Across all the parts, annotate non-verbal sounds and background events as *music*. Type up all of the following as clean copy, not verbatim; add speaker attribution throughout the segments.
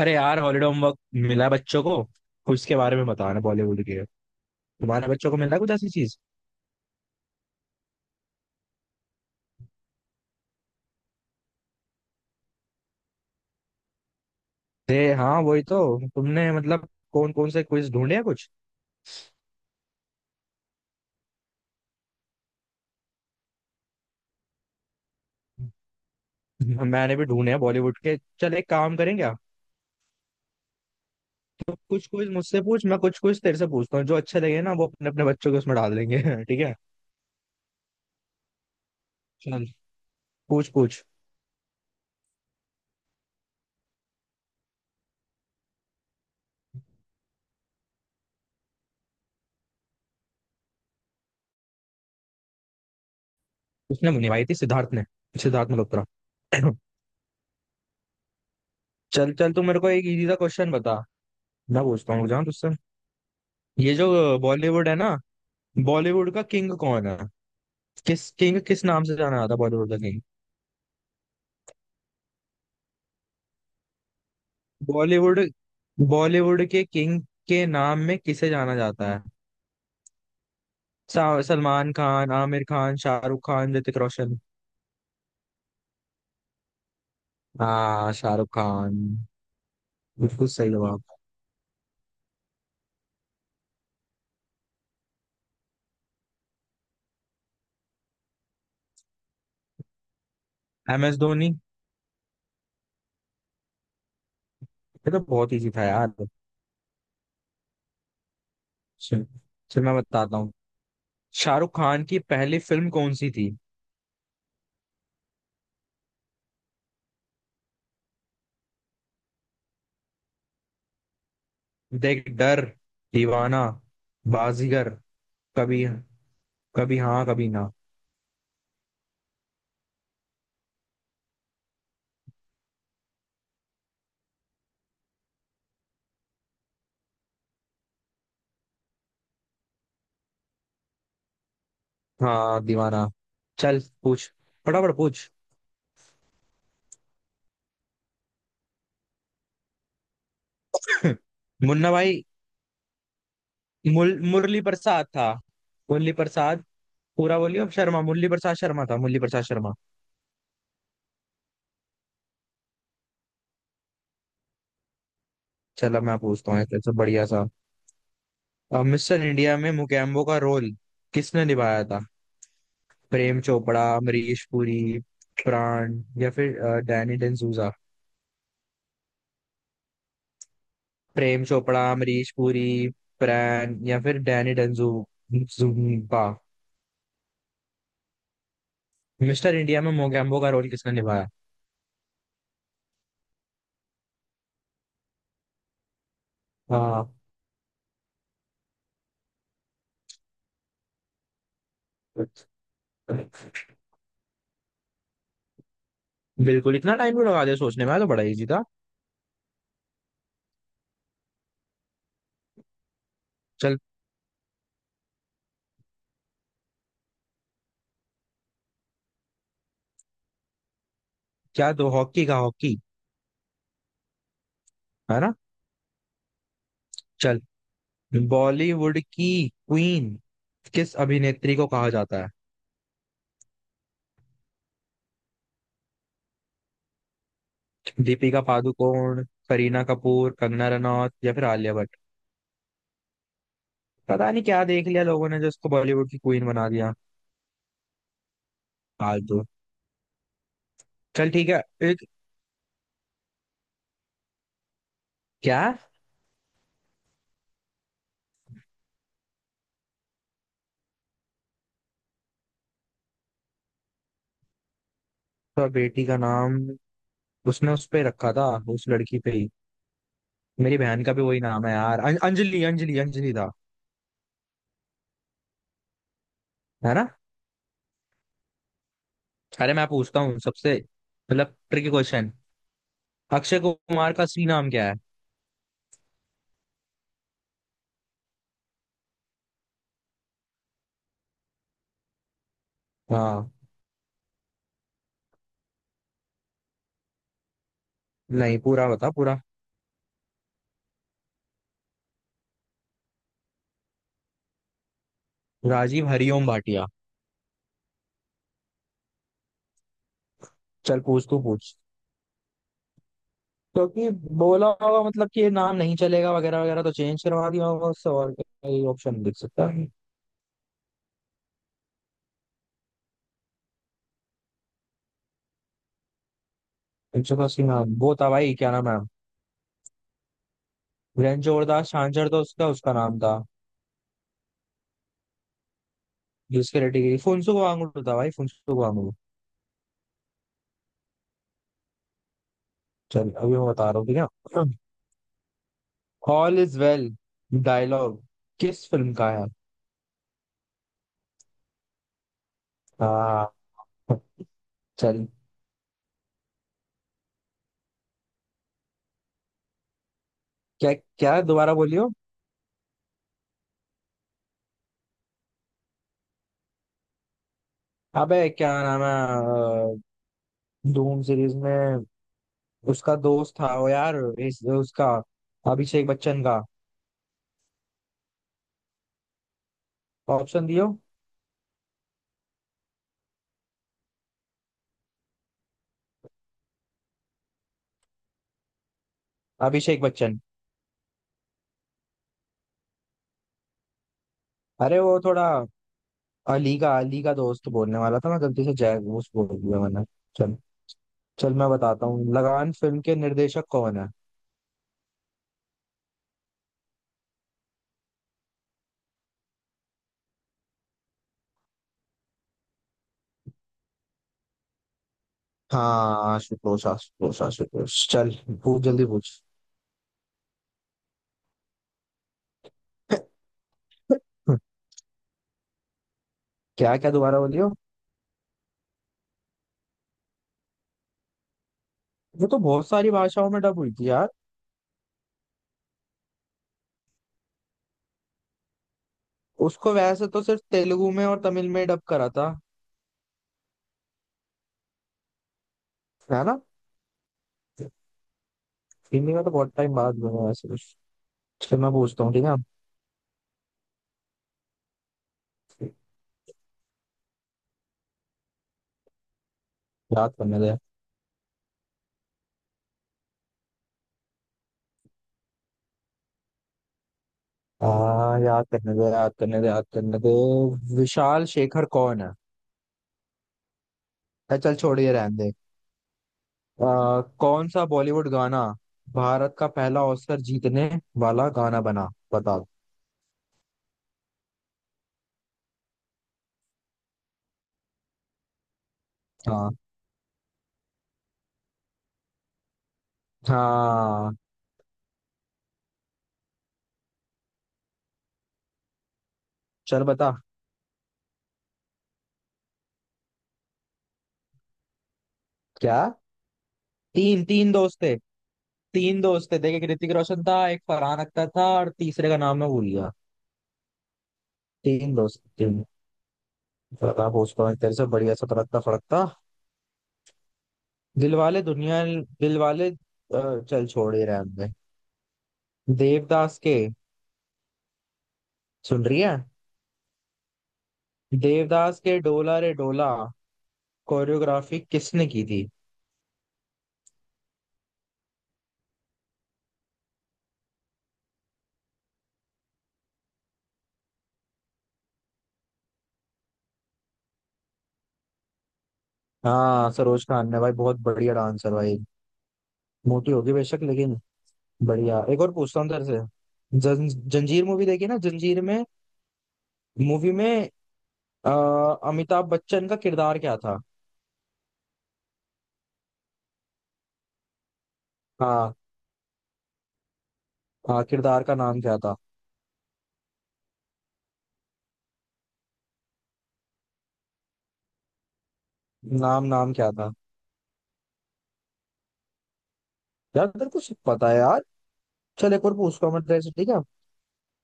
Speaker 1: अरे यार, holiday homework मिला है बच्चों को। उसके बारे में बताना, बॉलीवुड के। तुम्हारे बच्चों को मिला है कुछ ऐसी चीज? दे, हाँ वही तो। तुमने मतलब कौन कौन से क्विज ढूंढे हैं कुछ? मैंने भी ढूंढे हैं बॉलीवुड के। चल, एक काम करें क्या। तो कुछ क्विज मुझसे पूछ, मैं कुछ क्विज तेरे से पूछता हूँ, जो अच्छे लगे ना वो अपने अपने बच्चों के उसमें डाल देंगे। *laughs* ठीक है। चल। पूछ पूछ। उसने निभाई थी सिद्धार्थ ने। सिद्धार्थ मल्होत्रा। *coughs* *clears throat* चल चल, तू मेरे को एक इजी सा क्वेश्चन बता। मैं पूछता हूँ जहाँ तुझसे। ये जो बॉलीवुड है ना, बॉलीवुड का किंग कौन है? किस किंग, किस नाम से जाना जाता है बॉलीवुड का किंग? बॉलीवुड, बॉलीवुड के किंग के नाम में किसे जाना जाता है? सलमान खान, आमिर खान, शाहरुख खान, ऋतिक रोशन। हाँ, शाहरुख खान। बिल्कुल सही जवाब। MS धोनी। ये तो बहुत इजी था यार। चल। चल, मैं बताता हूँ। शाहरुख खान की पहली फिल्म कौन सी थी? देख, डर, दीवाना, बाजीगर, कभी, कभी हाँ कभी ना। हाँ, दीवाना। चल पूछ, फटाफट पूछ। मुन्ना भाई, मुरली प्रसाद था। मुरली प्रसाद। पूरा बोलिए। अब शर्मा, मुरली प्रसाद शर्मा था, मुरली प्रसाद शर्मा। चलो, मैं पूछता हूँ एक सब बढ़िया सा। अब मिस्टर इंडिया में मुकेम्बो का रोल किसने निभाया था? प्रेम चोपड़ा, अमरीश पुरी, प्राण या फिर डैनी डेंजूजा। प्रेम चोपड़ा, अमरीश पुरी, प्राण या फिर Danny Denzongpa. Mister India में मोगैम्बो का रोल किसने निभाया? हाँ। बिल्कुल, इतना टाइम क्यों लगा दिया सोचने में यार, तो बड़ा इजी था। चल। क्या दो? हॉकी का, हॉकी। है ना। चल। बॉलीवुड की क्वीन किस अभिनेत्री को कहा जाता है? दीपिका पादुकोण, करीना कपूर, कंगना रनौत या फिर आलिया भट्ट। पता नहीं क्या देख लिया लोगों ने जो उसको बॉलीवुड की क्वीन बना दिया। फालतू। चल ठीक है। एक। क्या? तो बेटी का नाम उसने उस पे रखा था, उस लड़की पे ही। मेरी बहन का भी वही नाम है यार। अंजलि, अंजलि, अंजलि था। है ना। अरे मैं पूछता हूँ सबसे, मतलब ट्रिकी क्वेश्चन। अक्षय कुमार का असली नाम क्या है? हाँ। नहीं, पूरा बता, पूरा। राजीव हरिओम भाटिया। चल पूछ, तू पूछ। क्योंकि बोला होगा मतलब कि ये नाम नहीं चलेगा वगैरह वगैरह, तो चेंज करवा दिया होगा उससे। और कोई ऑप्शन दिख सकता है। 180 नाम वो था भाई, क्या नाम है। वीरेंद्र जोरदास छांझर, तो उसका उसका नाम था। जिसके रेटिंग फुनसुक वांगडू था भाई, फुनसुक वांगडू। चल, अभी मैं बता रहा हूँ, ठीक है। ऑल इज वेल डायलॉग किस फिल्म का है? हाँ। चल। क्या? क्या, दोबारा बोलियो। अबे क्या नाम है। धूम सीरीज में उसका दोस्त था वो यार, उसका अभिषेक बच्चन का। ऑप्शन दियो। अभिषेक बच्चन। अरे वो थोड़ा, अली का, अली का दोस्त बोलने वाला था, मैं गलती से जय घोष बोल दिया मैंने। चल। चल, मैं बताता हूँ। लगान फिल्म के निर्देशक कौन है? हाँ, आशुतोष, आशुतोष, आशुतोष। चल पूछ, जल्दी पूछ। *laughs* क्या? क्या, दोबारा बोलियो। वो तो बहुत सारी भाषाओं में डब हुई थी यार। उसको वैसे तो सिर्फ तेलुगु में और तमिल में डब करा था। है ना। हिंदी में तो बहुत टाइम बाद में हुआ वैसे। चल, मैं पूछता हूँ ठीक है। याद करने दे। याद करने दे, याद करने दे, याद करने दे। विशाल शेखर कौन है? अरे चल छोड़, ये रहने दे। कौन सा बॉलीवुड गाना भारत का पहला ऑस्कर जीतने वाला गाना बना, बता। हाँ। हाँ। चल बता। क्या? तीन, तीन दोस्त थे। तीन दोस्त थे, देखे, ऋतिक रोशन था एक, फरहान अख्तर था, और तीसरे का नाम मैं भूल गया। तीन दोस्त, तीन। बता, पूछता हूँ तेरे से बढ़िया सा, तड़कता फड़कता। दिलवाले दुनिया, दिलवाले, चल छोड़ ही रहे हमने। देवदास के। सुन रही है? देवदास के डोला रे डोला कोरियोग्राफी किसने की थी? हाँ, सरोज खान ने भाई, बहुत बढ़िया डांसर भाई। मोटी होगी बेशक, लेकिन बढ़िया। एक और पूछता हूँ तेरे से। जंजीर मूवी देखी ना, जंजीर में, मूवी में, अ, अमिताभ बच्चन का किरदार क्या था? हाँ। हाँ, किरदार का नाम क्या था? नाम, नाम क्या था? यार तेरे को सब पता है यार। चल, एक और पूछता हूँ मैं तेरे से, ठीक है।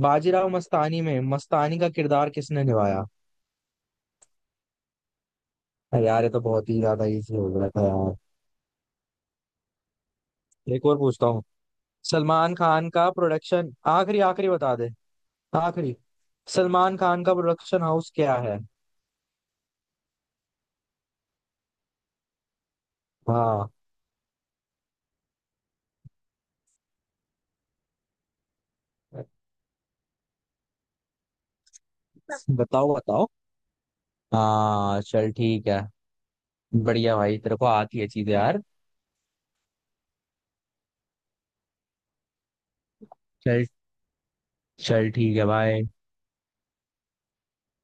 Speaker 1: बाजीराव मस्तानी में मस्तानी का किरदार किसने निभाया? अरे यार, ये तो बहुत ही ज्यादा इजी हो गया था यार। एक और पूछता हूँ। सलमान खान का प्रोडक्शन, आखिरी, आखिरी बता दे। आखिरी। सलमान खान का प्रोडक्शन हाउस क्या है? हाँ। बताओ, बताओ। हाँ चल ठीक है। बढ़िया भाई, तेरे को आती है चीजें यार। चल। चल, ठीक है भाई।